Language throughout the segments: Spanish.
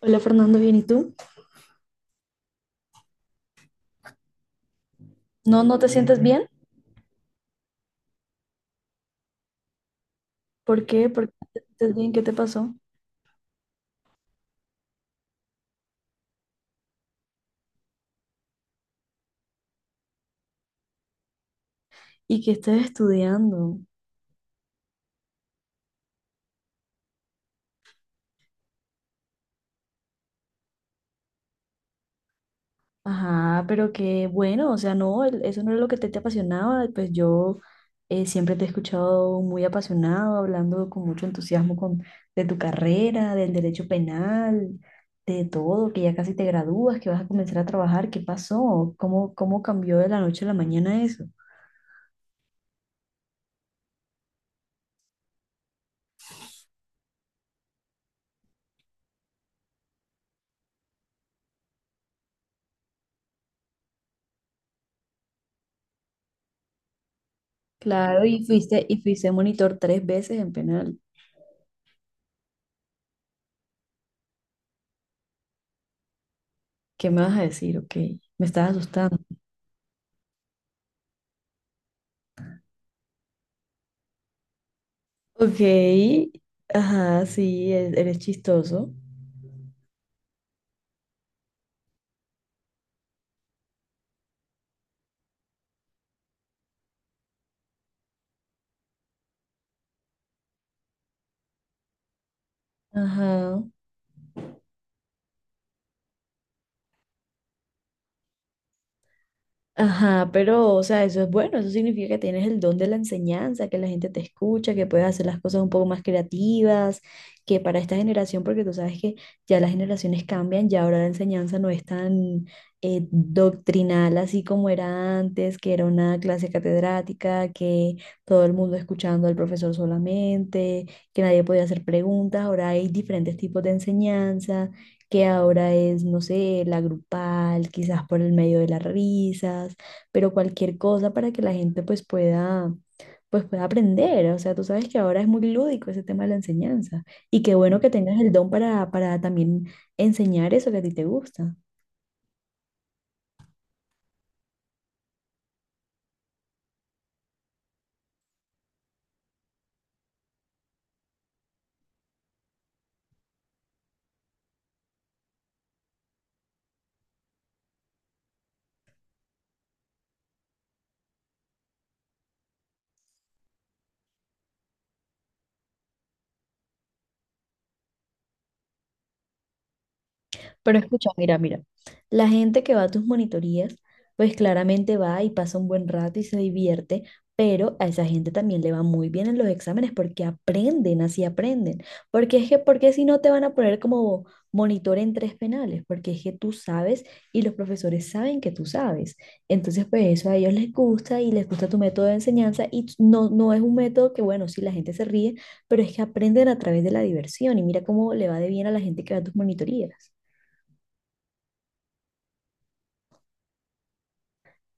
Hola Fernando, bien, ¿y tú? No, no te sientes bien. ¿Por qué? ¿Por qué no te sientes bien? ¿Qué te pasó? ¿Y qué estás estudiando? Ajá, pero qué bueno, o sea, no, eso no era lo que te apasionaba. Pues yo siempre te he escuchado muy apasionado, hablando con mucho entusiasmo de tu carrera, del derecho penal, de todo, que ya casi te gradúas, que vas a comenzar a trabajar. ¿Qué pasó? ¿Cómo cambió de la noche a la mañana eso? Claro, y fuiste monitor tres veces en penal. ¿Qué me vas a decir? Ok, me estás asustando. Ok, ajá, sí, eres chistoso. Ajá. Ajá, pero, o sea, eso es bueno, eso significa que tienes el don de la enseñanza, que la gente te escucha, que puedes hacer las cosas un poco más creativas, que para esta generación, porque tú sabes que ya las generaciones cambian, ya ahora la enseñanza no es tan doctrinal así como era antes, que era una clase catedrática, que todo el mundo escuchando al profesor solamente, que nadie podía hacer preguntas, ahora hay diferentes tipos de enseñanza que ahora es, no sé, la grupal, quizás por el medio de las risas, pero cualquier cosa para que la gente pues pueda aprender. O sea, tú sabes que ahora es muy lúdico ese tema de la enseñanza y qué bueno que tengas el don para también enseñar eso que a ti te gusta. Pero escucha, mira, mira, la gente que va a tus monitorías, pues claramente va y pasa un buen rato y se divierte, pero a esa gente también le va muy bien en los exámenes porque aprenden, así aprenden. Porque es que, porque si no te van a poner como monitor en tres penales, porque es que tú sabes y los profesores saben que tú sabes. Entonces, pues eso a ellos les gusta y les gusta tu método de enseñanza y no, no es un método que, bueno, si la gente se ríe, pero es que aprenden a través de la diversión y mira cómo le va de bien a la gente que va a tus monitorías.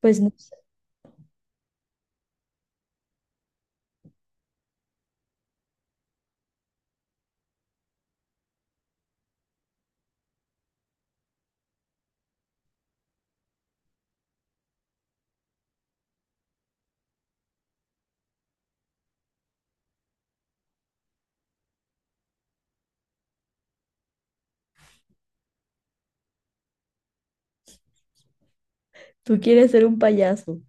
Pues no sé, tú quieres ser un payaso.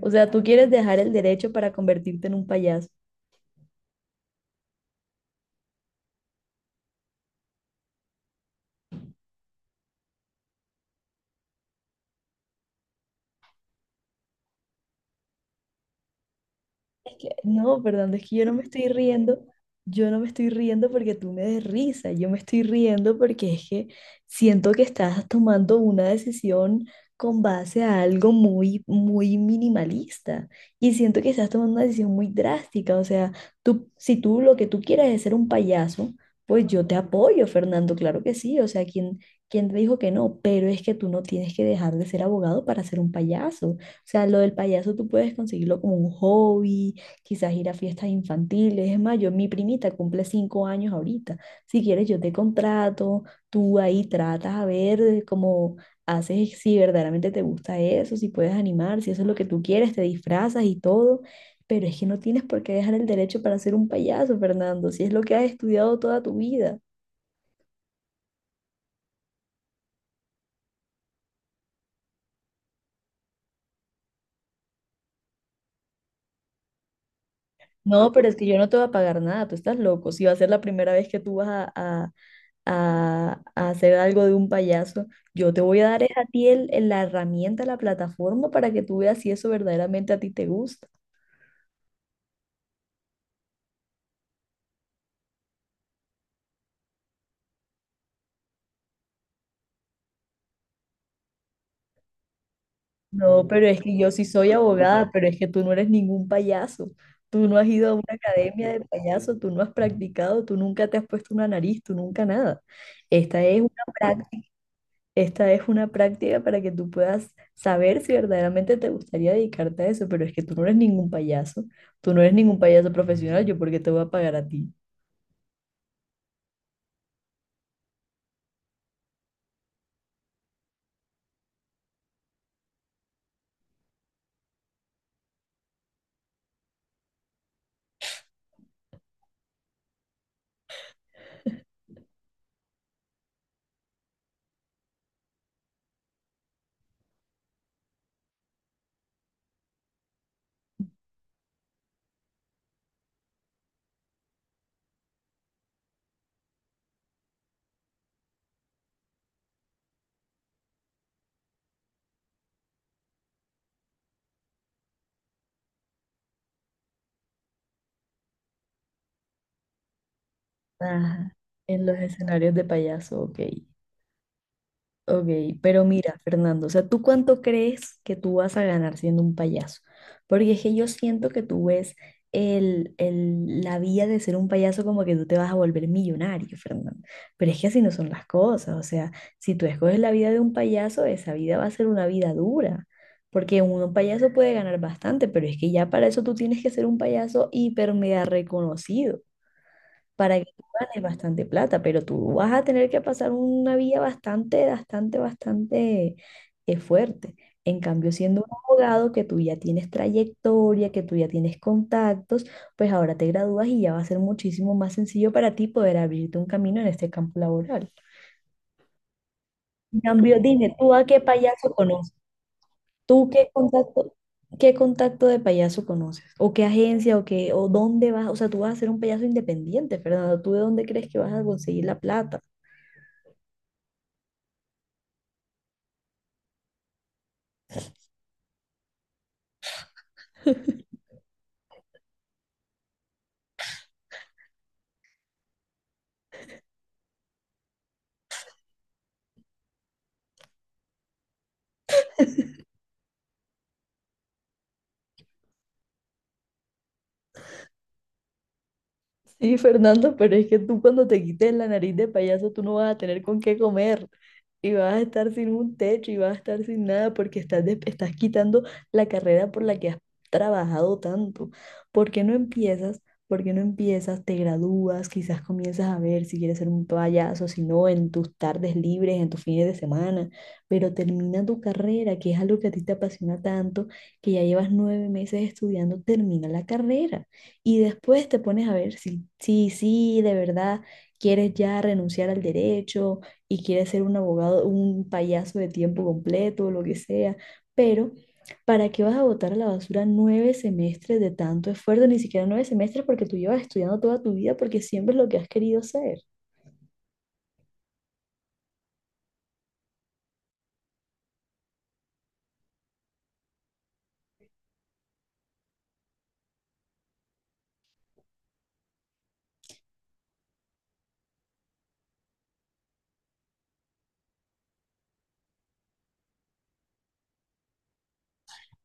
O sea, tú quieres dejar el derecho para convertirte en un payaso. No, Fernando, es que yo no me estoy riendo, yo no me estoy riendo porque tú me des risa, yo me estoy riendo porque es que siento que estás tomando una decisión con base a algo muy, muy minimalista y siento que estás tomando una decisión muy drástica, o sea, tú, si tú lo que tú quieres es ser un payaso, pues yo te apoyo, Fernando, claro que sí, o sea, ¿quién te dijo que no? Pero es que tú no tienes que dejar de ser abogado para ser un payaso. O sea, lo del payaso tú puedes conseguirlo como un hobby, quizás ir a fiestas infantiles. Es más, yo, mi primita cumple 5 años ahorita. Si quieres, yo te contrato, tú ahí tratas a ver de cómo haces, si verdaderamente te gusta eso, si puedes animar, si eso es lo que tú quieres, te disfrazas y todo. Pero es que no tienes por qué dejar el derecho para ser un payaso, Fernando, si es lo que has estudiado toda tu vida. No, pero es que yo no te voy a pagar nada, tú estás loco. Si va a ser la primera vez que tú vas a hacer algo de un payaso, yo te voy a dar es a ti la herramienta, la plataforma para que tú veas si eso verdaderamente a ti te gusta. No, pero es que yo sí soy abogada, pero es que tú no eres ningún payaso. Tú no has ido a una academia de payaso, tú no has practicado, tú nunca te has puesto una nariz, tú nunca nada. Esta es una práctica, esta es una práctica para que tú puedas saber si verdaderamente te gustaría dedicarte a eso, pero es que tú no eres ningún payaso, tú no eres ningún payaso profesional, yo porque te voy a pagar a ti. Ajá, en los escenarios de payaso, ok. Ok, pero mira, Fernando, o sea, ¿tú cuánto crees que tú vas a ganar siendo un payaso? Porque es que yo siento que tú ves la vía de ser un payaso como que tú te vas a volver millonario, Fernando. Pero es que así no son las cosas, o sea, si tú escoges la vida de un payaso, esa vida va a ser una vida dura. Porque un payaso puede ganar bastante, pero es que ya para eso tú tienes que ser un payaso hiper mega reconocido para que tú ganes bastante plata, pero tú vas a tener que pasar una vía bastante, bastante, bastante fuerte. En cambio, siendo un abogado que tú ya tienes trayectoria, que tú ya tienes contactos, pues ahora te gradúas y ya va a ser muchísimo más sencillo para ti poder abrirte un camino en este campo laboral. En cambio, dime, ¿tú a qué payaso conoces? ¿Tú qué contacto, ¿qué contacto de payaso conoces? ¿O qué agencia o qué, o dónde vas? O sea, tú vas a ser un payaso independiente, Fernando. ¿Tú de dónde crees que vas a conseguir la plata? Sí, Fernando, pero es que tú cuando te quites la nariz de payaso, tú no vas a tener con qué comer y vas a estar sin un techo y vas a estar sin nada porque estás quitando la carrera por la que has trabajado tanto. ¿Por qué no empiezas? ¿Por qué no empiezas? Te gradúas, quizás comienzas a ver si quieres ser un payaso, si no, en tus tardes libres, en tus fines de semana, pero termina tu carrera, que es algo que a ti te apasiona tanto, que ya llevas 9 meses estudiando, termina la carrera y después te pones a ver si de verdad quieres ya renunciar al derecho y quiere ser un abogado, un payaso de tiempo completo o lo que sea, pero ¿para qué vas a botar a la basura 9 semestres de tanto esfuerzo? Ni siquiera 9 semestres porque tú llevas estudiando toda tu vida porque siempre es lo que has querido ser.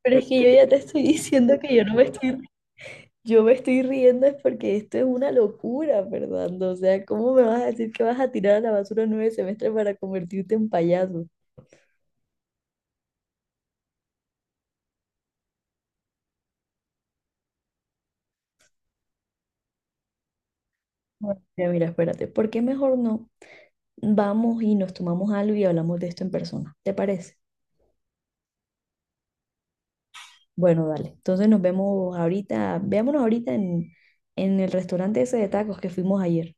Pero es que yo ya te estoy diciendo que yo no me estoy, yo me estoy riendo es porque esto es una locura, Fernando. O sea, ¿cómo me vas a decir que vas a tirar a la basura nueve semestres para convertirte en payaso? Bueno, mira, mira, espérate, ¿por qué mejor no vamos y nos tomamos algo y hablamos de esto en persona? ¿Te parece? Bueno, dale. Entonces nos vemos ahorita, veámonos ahorita en el restaurante ese de tacos que fuimos ayer.